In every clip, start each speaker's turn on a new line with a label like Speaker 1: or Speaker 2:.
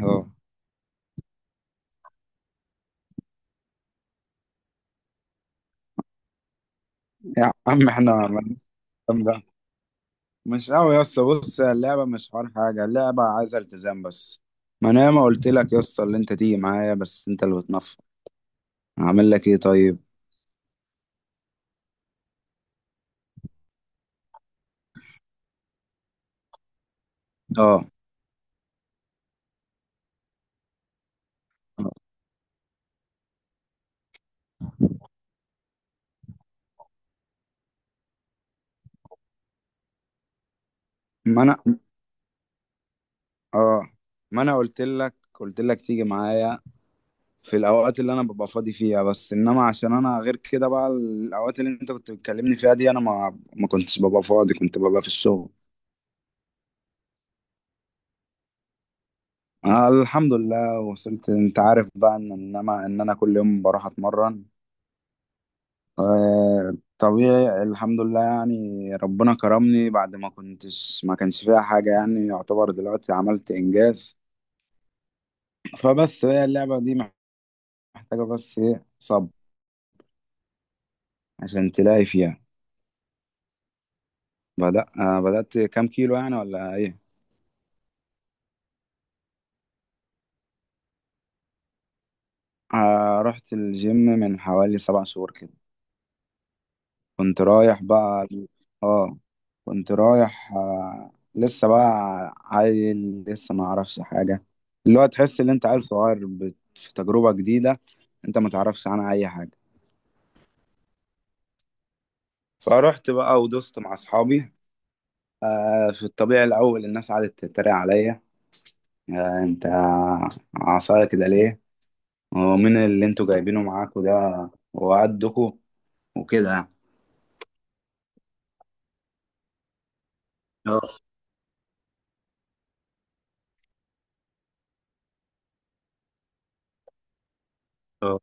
Speaker 1: اه يا عم احنا مالناش في الكلام ده. مش قوي يا اسطى، بص اللعبه مش حوار حاجه، اللعبه عايزه التزام بس. ما انا ما قلت لك يا اسطى اللي انت تيجي معايا، بس انت اللي بتنفض، هعمل لك ايه طيب؟ اه ما انا اه ما انا قلت لك تيجي معايا في الاوقات اللي انا ببقى فاضي فيها، بس انما عشان انا غير كده بقى، الاوقات اللي انت كنت بتكلمني فيها دي انا ما كنتش ببقى فاضي، كنت ببقى في الشغل. الحمد لله وصلت. انت عارف بقى ان انما ان انا كل يوم بروح اتمرن. طبيعي الحمد لله يعني، ربنا كرمني بعد ما كنتش، ما كانش فيها حاجة يعني، يعتبر دلوقتي عملت إنجاز. فبس هي اللعبة دي محتاجة بس إيه؟ صبر عشان تلاقي فيها. بدأت كام كيلو يعني ولا إيه؟ رحت الجيم من حوالي سبع شهور كده. كنت رايح بقى، اه كنت رايح، لسه بقى عيل، لسه ما اعرفش حاجه. اللي هو تحس ان انت عيل صغير في تجربه جديده انت ما تعرفش عنها اي حاجه. فروحت بقى ودوست مع اصحابي. في الطبيعي الاول الناس قعدت تتريق عليا. انت عصايه كده ليه؟ ومين اللي انتوا جايبينه معاكوا ده وقدكوا؟ وكده يعني. اه اه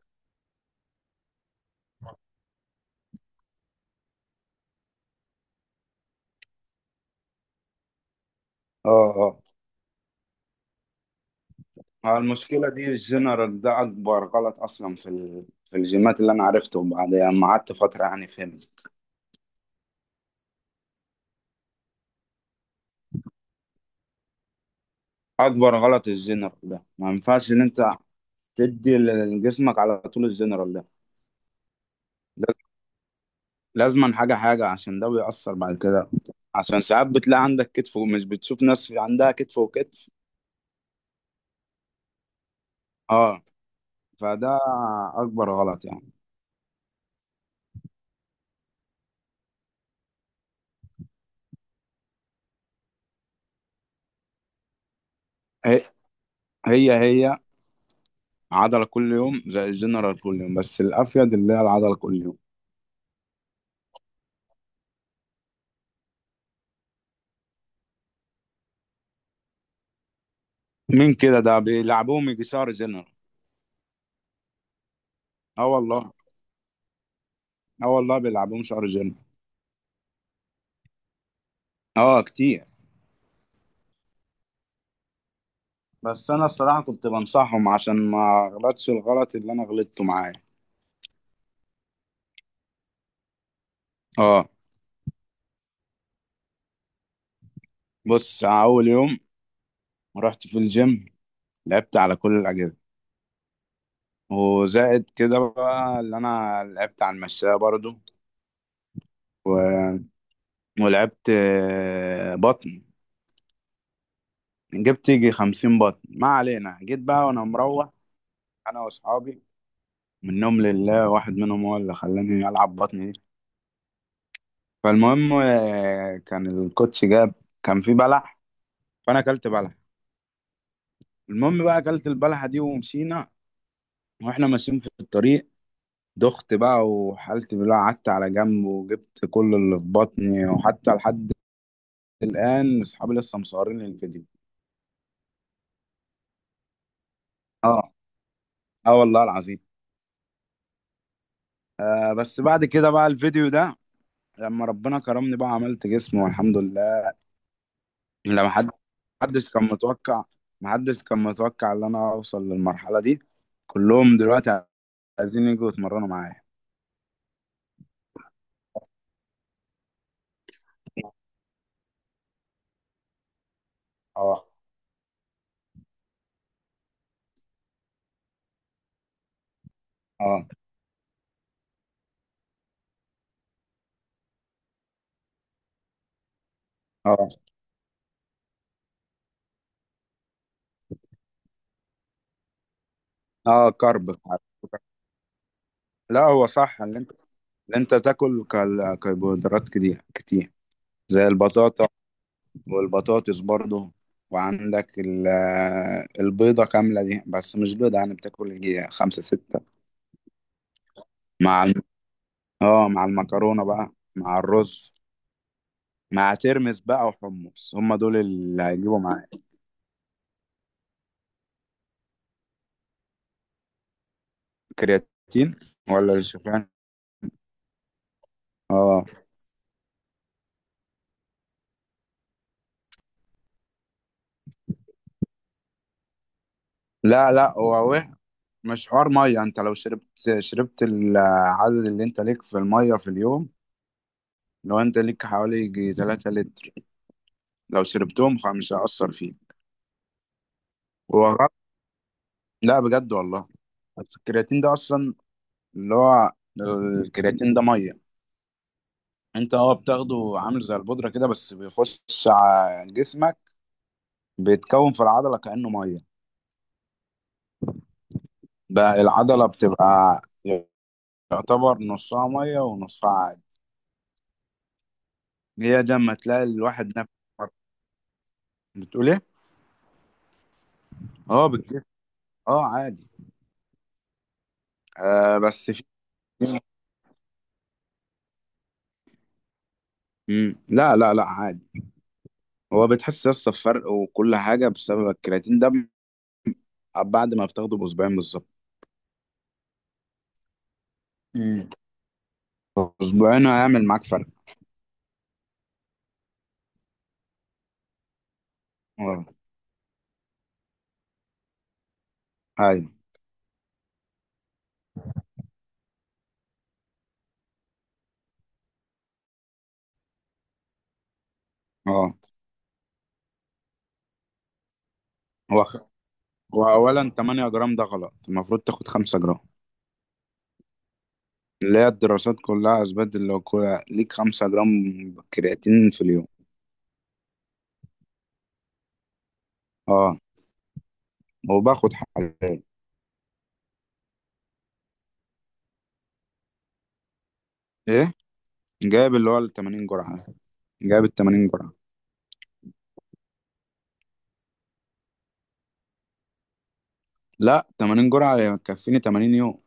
Speaker 1: اه المشكلة دي الجنرال ده أكبر غلط أصلا في الجيمات اللي أنا عرفته بعد ما قعدت فترة يعني فهمت. أكبر غلط الجنرال ده، ما ينفعش إن أنت تدي لجسمك على طول الجنرال ده. لاز- لازما حاجة حاجة، عشان ده بيأثر بعد كده. عشان ساعات بتلاقي عندك كتف، ومش بتشوف ناس عندها كتف وكتف. اه فده أكبر غلط يعني. هي هي, هي عضلة كل يوم زي الجنرال كل يوم، بس الأفيد اللي هي العضلة كل يوم. مين كده ده بيلعبوهم يجي شهر جنرال؟ اه والله، اه والله بيلعبوهم شهر جيم. اه كتير. بس انا الصراحه كنت بنصحهم عشان ما اغلطش الغلط اللي انا غلطته معاه. اه. بص، اول يوم رحت في الجيم لعبت على كل الاجهزه، وزائد كده بقى اللي انا لعبت على المشاية برضو و... ولعبت بطن، جبت يجي خمسين بطن. ما علينا، جيت بقى وانا مروح انا واصحابي، منهم لله، واحد منهم هو اللي خلاني العب بطن. فالمهم كان الكوتش جاب، كان في بلح، فانا اكلت بلح. المهم بقى اكلت البلحه دي ومشينا، واحنا ماشيين في الطريق دخت بقى وحالتي بالله، قعدت على جنب وجبت كل اللي في بطني، وحتى لحد الان اصحابي لسه مصورين لي الفيديو. اه، اه والله العظيم. بس بعد كده بقى الفيديو ده، لما ربنا كرمني بقى عملت جسم والحمد لله. لما حد، محدش كان متوقع، محدش كان متوقع ان انا اوصل للمرحله دي. كلهم دلوقتي عايزين يجوا يتمرنوا معايا. اه اه اه اه كرب، لا هو صح ان انت، ان انت تاكل كربوهيدرات كتير كتير. زي البطاطا والبطاطس برضه. وعندك البيضة كاملة دي، بس مش بيضة يعني، بتاكل يجي خمسة ستة مع الم- اه مع المكرونة بقى، مع الرز، مع ترمس بقى وحمص، هم دول اللي هيجيبوا معايا. كرياتين ولا الشوفان؟ اه. لا لا، هو مش حوار ميه. انت لو شربت، شربت العدد اللي انت ليك في الميه في اليوم، لو انت ليك حوالي يجي 3 لتر، لو شربتهم مش هيأثر فيك. هو غلط؟ لا بجد والله. بس الكرياتين ده اصلا اللي هو، الكرياتين ده ميه، انت اه بتاخده عامل زي البودره كده، بس بيخش على جسمك بيتكون في العضله كأنه ميه. بقى العضله بتبقى يعتبر نصها ميه ونصها عادي. هي ده لما تلاقي الواحد نفسه، بتقول ايه؟ اه، اه عادي. بس في لا لا لا عادي. هو بتحس يا اسطى بفرق وكل حاجه بسبب الكرياتين ده، بعد ما بتاخده باسبوعين بالظبط. امم اسبوعين هيعمل معاك فرق. اه. ايوه. اه هو واولا 8 جرام ده غلط، المفروض تاخد 5 جرام، اللي هي الدراسات كلها اثبتت اللي هو ليك 5 جرام كرياتين في اليوم. اه، وباخد حاليا. ايه؟ جايب اللي هو ال 80 جرعه، جايب ال 80 جرعه. لا 80 جرعه يكفيني 80 يوم.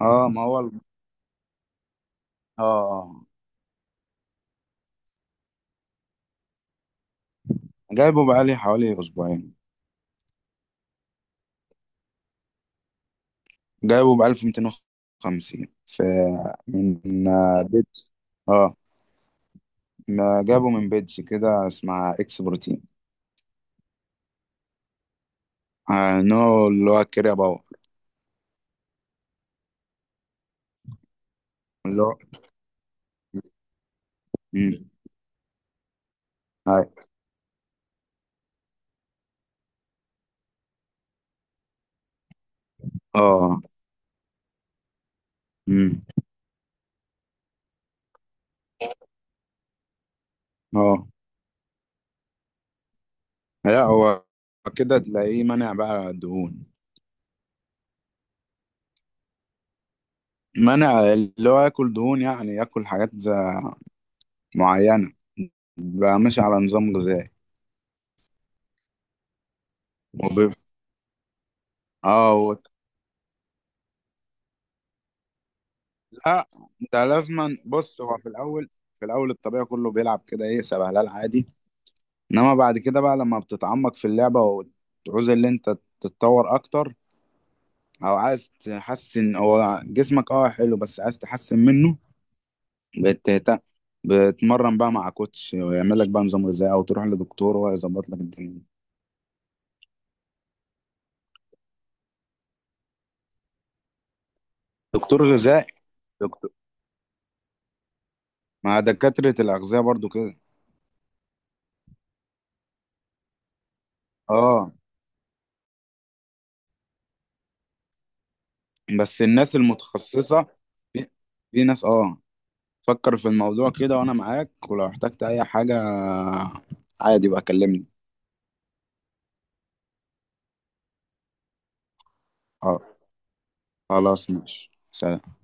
Speaker 1: اه ما هو ال- اه آه. جايبه بقالي حوالي اسبوعين. جايبه ب 1250، في من بيج. اه، ما جابه من بيج كده اسمها اكس بروتين. نوع اللي هو الكريا باور. اللي هو مم. آه. اه مم. اه لا، هو كده تلاقيه منع بقى دهون، منع اللي هو ياكل دهون، يعني ياكل حاجات معينة، بقى ماشي على نظام غذائي وب... اه لا، ده لازما. بص هو في الاول، في الاول الطبيعي كله بيلعب كده ايه سبهلال عادي، انما بعد كده بقى لما بتتعمق في اللعبه وتعوز اللي انت تتطور اكتر، او عايز تحسن هو جسمك اه حلو بس عايز تحسن منه، بتهتم، بتمرن بقى مع كوتش ويعمل لك بقى نظام غذائي، او تروح لدكتور هو يظبط لك الدنيا دي. دكتور غذائي، دكتور، مع دكاتره الاغذيه برضو كده. اه. بس الناس المتخصصه في، في ناس اه. فكر في الموضوع كده وانا معاك، ولو احتجت اي حاجة عادي بقى كلمني. آه، خلاص ماشي، سلام.